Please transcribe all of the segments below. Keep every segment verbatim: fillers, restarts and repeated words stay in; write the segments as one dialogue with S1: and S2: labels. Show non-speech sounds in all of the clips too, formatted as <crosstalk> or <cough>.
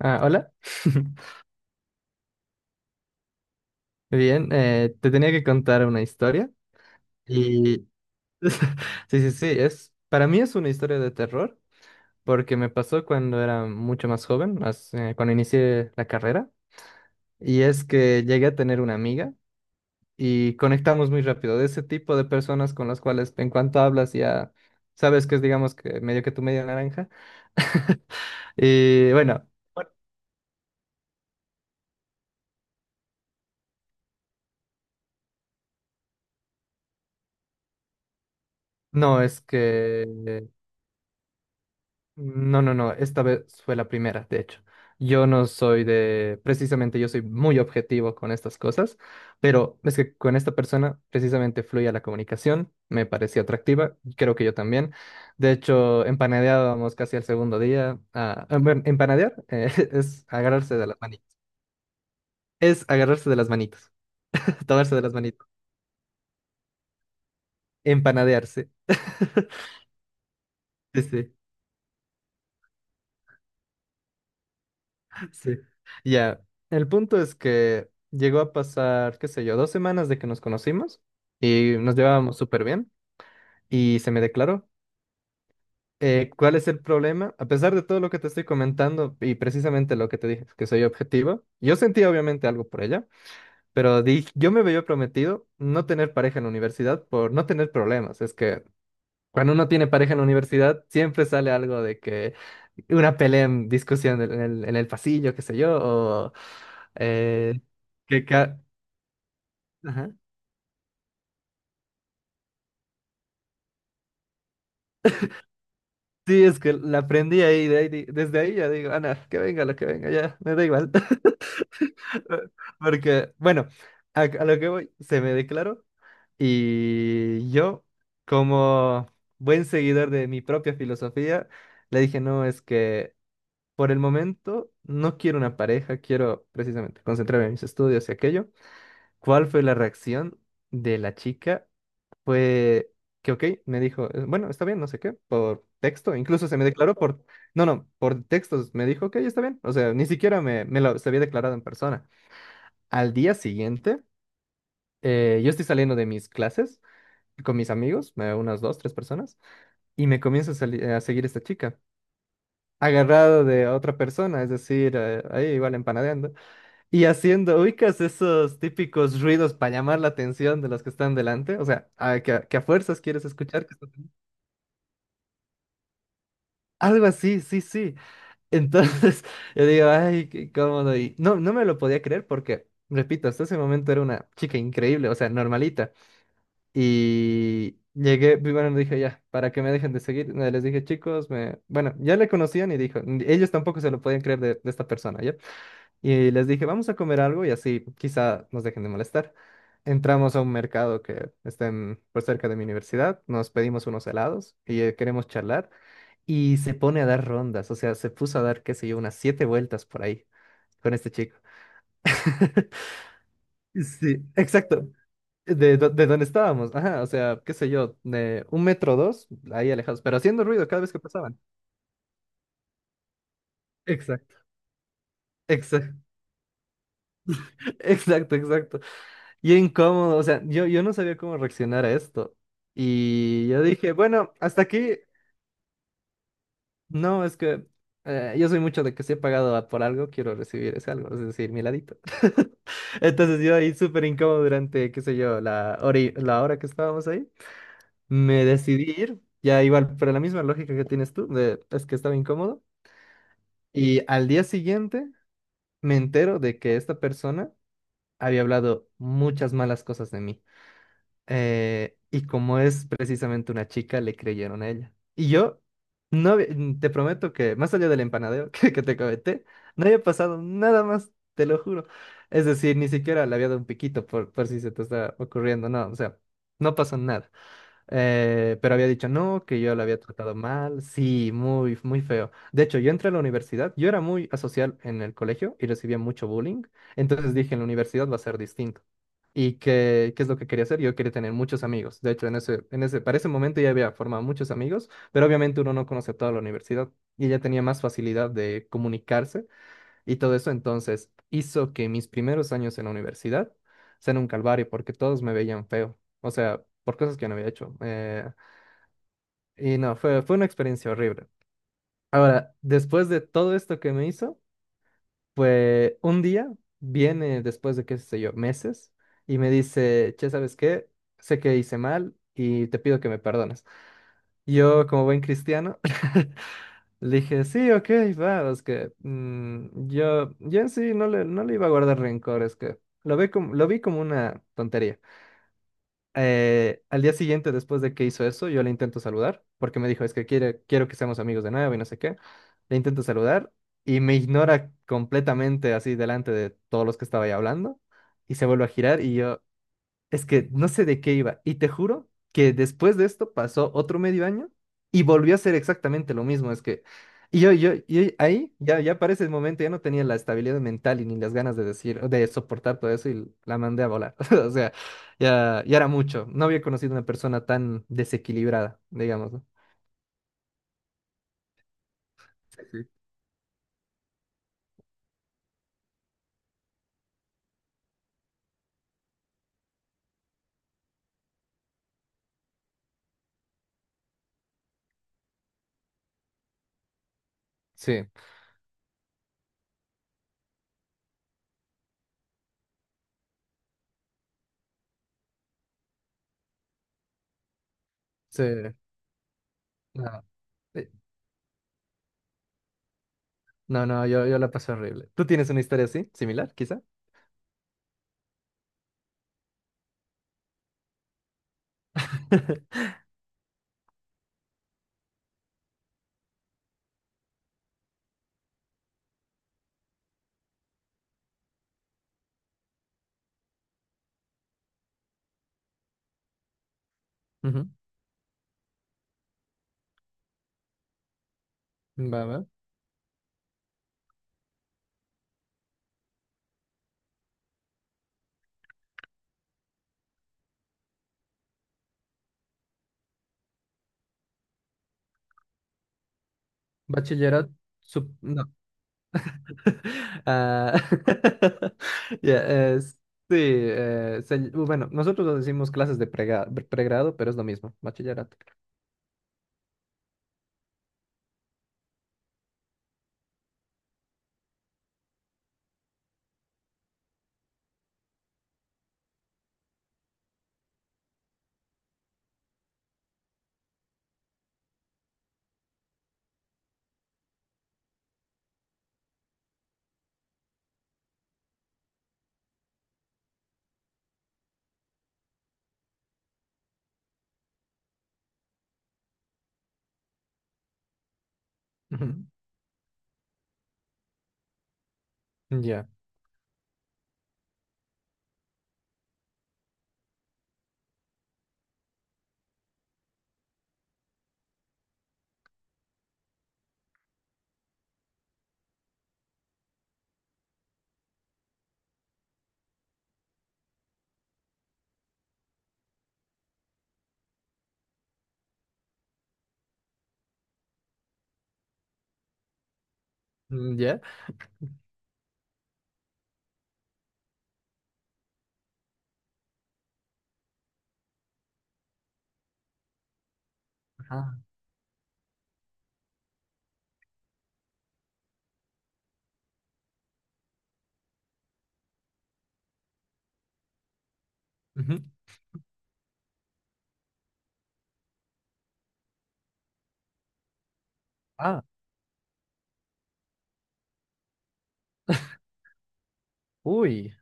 S1: Ah, hola. <laughs> Bien, eh, te tenía que contar una historia y <laughs> sí, sí, sí, es para mí es una historia de terror porque me pasó cuando era mucho más joven, más, eh, cuando inicié la carrera y es que llegué a tener una amiga y conectamos muy rápido, de ese tipo de personas con las cuales en cuanto hablas ya sabes que es, digamos que medio que tu media naranja. <laughs> Y bueno, no es que... No, no, no, esta vez fue la primera, de hecho. Yo no soy de, precisamente yo soy muy objetivo con estas cosas, pero es que con esta persona precisamente fluía la comunicación, me parecía atractiva, y creo que yo también. De hecho, empanadeábamos casi al segundo día. Ah, ah, bueno, empanadear, eh, <laughs> es agarrarse de las manitas, es agarrarse de las manitas, <laughs> tomarse de las manitas, empanadearse. <laughs> Sí, sí. Sí. Ya, el punto es que llegó a pasar, qué sé yo, dos semanas de que nos conocimos y nos llevábamos súper bien y se me declaró. Eh, ¿cuál es el problema? A pesar de todo lo que te estoy comentando y precisamente lo que te dije, que soy objetivo, yo sentía obviamente algo por ella, pero di, yo me había prometido no tener pareja en la universidad por no tener problemas. Es que cuando uno tiene pareja en la universidad, siempre sale algo, de que una pelea, en discusión en el, en el pasillo, qué sé yo, o eh, que... ca- Ajá. Sí, es que la aprendí ahí, de ahí di- desde ahí ya digo, Ana, que venga lo que venga, ya, me da igual. <laughs> Porque, bueno, a, a lo que voy, se me declaró y yo, como buen seguidor de mi propia filosofía, le dije, no, es que... Por el momento, no quiero una pareja, quiero precisamente concentrarme en mis estudios y aquello. ¿Cuál fue la reacción de la chica? Fue que, ok, me dijo, "Eh, bueno, está bien, no sé qué", por texto, incluso se me declaró por... no, no, por textos, me dijo, ok, está bien, o sea, ni siquiera me, me lo... se había declarado en persona. Al día siguiente, eh, yo estoy saliendo de mis clases con mis amigos, eh, unas dos, tres personas, y me comienza a, sali- a seguir esta chica, agarrado de otra persona, es decir, eh, ahí igual empanadeando. Y haciendo, ubicas esos típicos ruidos para llamar la atención de los que están delante, o sea, a- que, a que a fuerzas quieres escuchar. Que están- delante. Algo así, sí, sí. Entonces, <laughs> yo digo, ay, qué cómodo. Y no, no me lo podía creer porque, repito, hasta ese momento era una chica increíble, o sea, normalita. Y llegué, y bueno, dije, ya, para que me dejen de seguir, eh, les dije, chicos, me... bueno, ya le conocían y dijo, ellos tampoco se lo podían creer de, de esta persona, ¿ya? Y les dije, vamos a comer algo y así quizá nos dejen de molestar. Entramos a un mercado que está en- por cerca de mi universidad, nos pedimos unos helados y eh, queremos charlar. Y se pone a dar rondas, o sea, se puso a dar, qué sé yo, unas siete vueltas por ahí con este chico. <laughs> Sí, exacto. De, do- de donde estábamos, ajá, o sea, qué sé yo, de un metro o dos, ahí alejados, pero haciendo ruido cada vez que pasaban. Exacto, exacto, <laughs> exacto, exacto. Y incómodo, o sea, yo, yo no sabía cómo reaccionar a esto. Y yo dije, bueno, hasta aquí, no, es que eh, yo soy mucho de que si he pagado a- por algo, quiero recibir ese algo, es decir, mi ladito. <laughs> Entonces yo ahí súper incómodo durante, qué sé yo, la hora, y- la hora que estábamos ahí, me decidí ir, ya igual, pero la misma lógica que tienes tú, de, es que estaba incómodo. Y al día siguiente me entero de que esta persona había hablado muchas malas cosas de mí. Eh, y como es precisamente una chica, le creyeron a ella. Y yo, no había- mm, te prometo que, más allá del empanadeo <laughs> que, que te comenté, no había pasado nada más, te lo juro. Es decir, ni siquiera le había dado un piquito por, por si se te está ocurriendo, no, o sea, no pasó nada. Eh, pero había dicho no, que yo la había tratado mal, sí, muy, muy feo. De hecho, yo entré a la universidad, yo era muy asocial en el colegio y recibía mucho bullying, entonces dije, en la universidad va a ser distinto. ¿Y qué, qué es lo que quería hacer? Yo quería tener muchos amigos. De hecho, en ese, en ese, para ese momento ya había formado muchos amigos, pero obviamente uno no conoce a toda la universidad y ya tenía más facilidad de comunicarse y todo eso. Entonces, hizo que mis primeros años en la universidad sean un calvario porque todos me veían feo. O sea, por cosas que no había hecho. Eh, y no, fue, fue una experiencia horrible. Ahora, después de todo esto que me hizo... Pues un día viene, después de qué sé yo, meses, y me dice, che, ¿sabes qué? Sé que hice mal y te pido que me perdones. Yo, como buen cristiano, <laughs> le dije, sí, ok, va, es que mm, yo, yo en sí no le, no le iba a guardar rencor, es que lo vi como, lo vi como una tontería. Eh, al día siguiente, después de que hizo eso, yo le intento saludar, porque me dijo, es que quiere, quiero que seamos amigos de nuevo y no sé qué. Le intento saludar y me ignora completamente así delante de todos los que estaba ahí hablando y se vuelve a girar y yo, es que no sé de qué iba. Y te juro que después de esto pasó otro medio año y volvió a ser exactamente lo mismo. Es que, y yo, yo, y ahí ya, ya para ese momento ya no tenía la estabilidad mental y ni las ganas de decir, de soportar todo eso, y la mandé a volar. <laughs> O sea, ya, ya era mucho. No había conocido una persona tan desequilibrada, digamos, ¿no? Sí. Sí, sí. No, eh, no, no, yo, yo la pasé horrible. ¿Tú tienes una historia así, similar, quizá? <laughs> Ujú, va, va. Bachillerato, sup- no. Ah, <laughs> ya, eh, sí, eh, se- uh, bueno, nosotros lo decimos clases de prega- pregrado, pero es lo mismo, bachillerato. Ujú, ya, mm, ya. Ah, ujú. Ah, uy.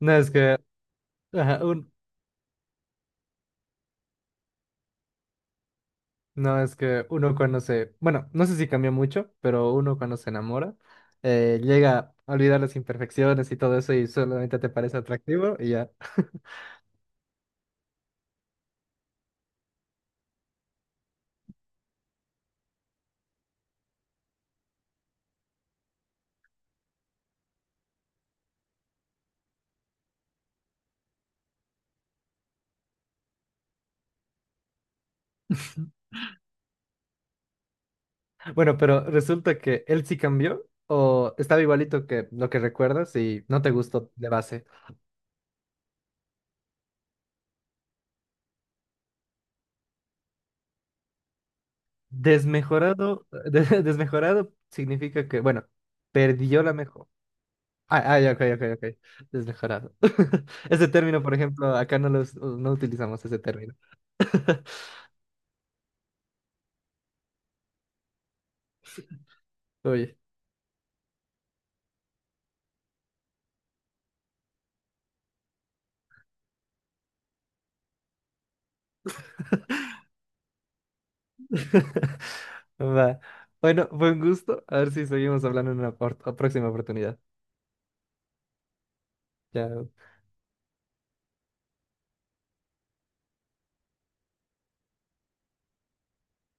S1: No es que, ajá, un- no es que uno cuando se, bueno, no sé si cambia mucho, pero uno cuando se enamora, eh, llega a olvidar las imperfecciones y todo eso y solamente te parece atractivo y ya. <laughs> Bueno, pero resulta que él sí cambió o estaba igualito que lo que recuerdas y no te gustó de base. Desmejorado, <laughs> de- desmejorado significa que, bueno, perdió la mejor. Ah, ah, ya, ok, ok, ok. Desmejorado. <laughs> Ese término, por ejemplo, acá no los, no utilizamos ese término. <laughs> Oye. <laughs> Va. Bueno, buen gusto. A ver si seguimos hablando en una por- próxima oportunidad. Ya.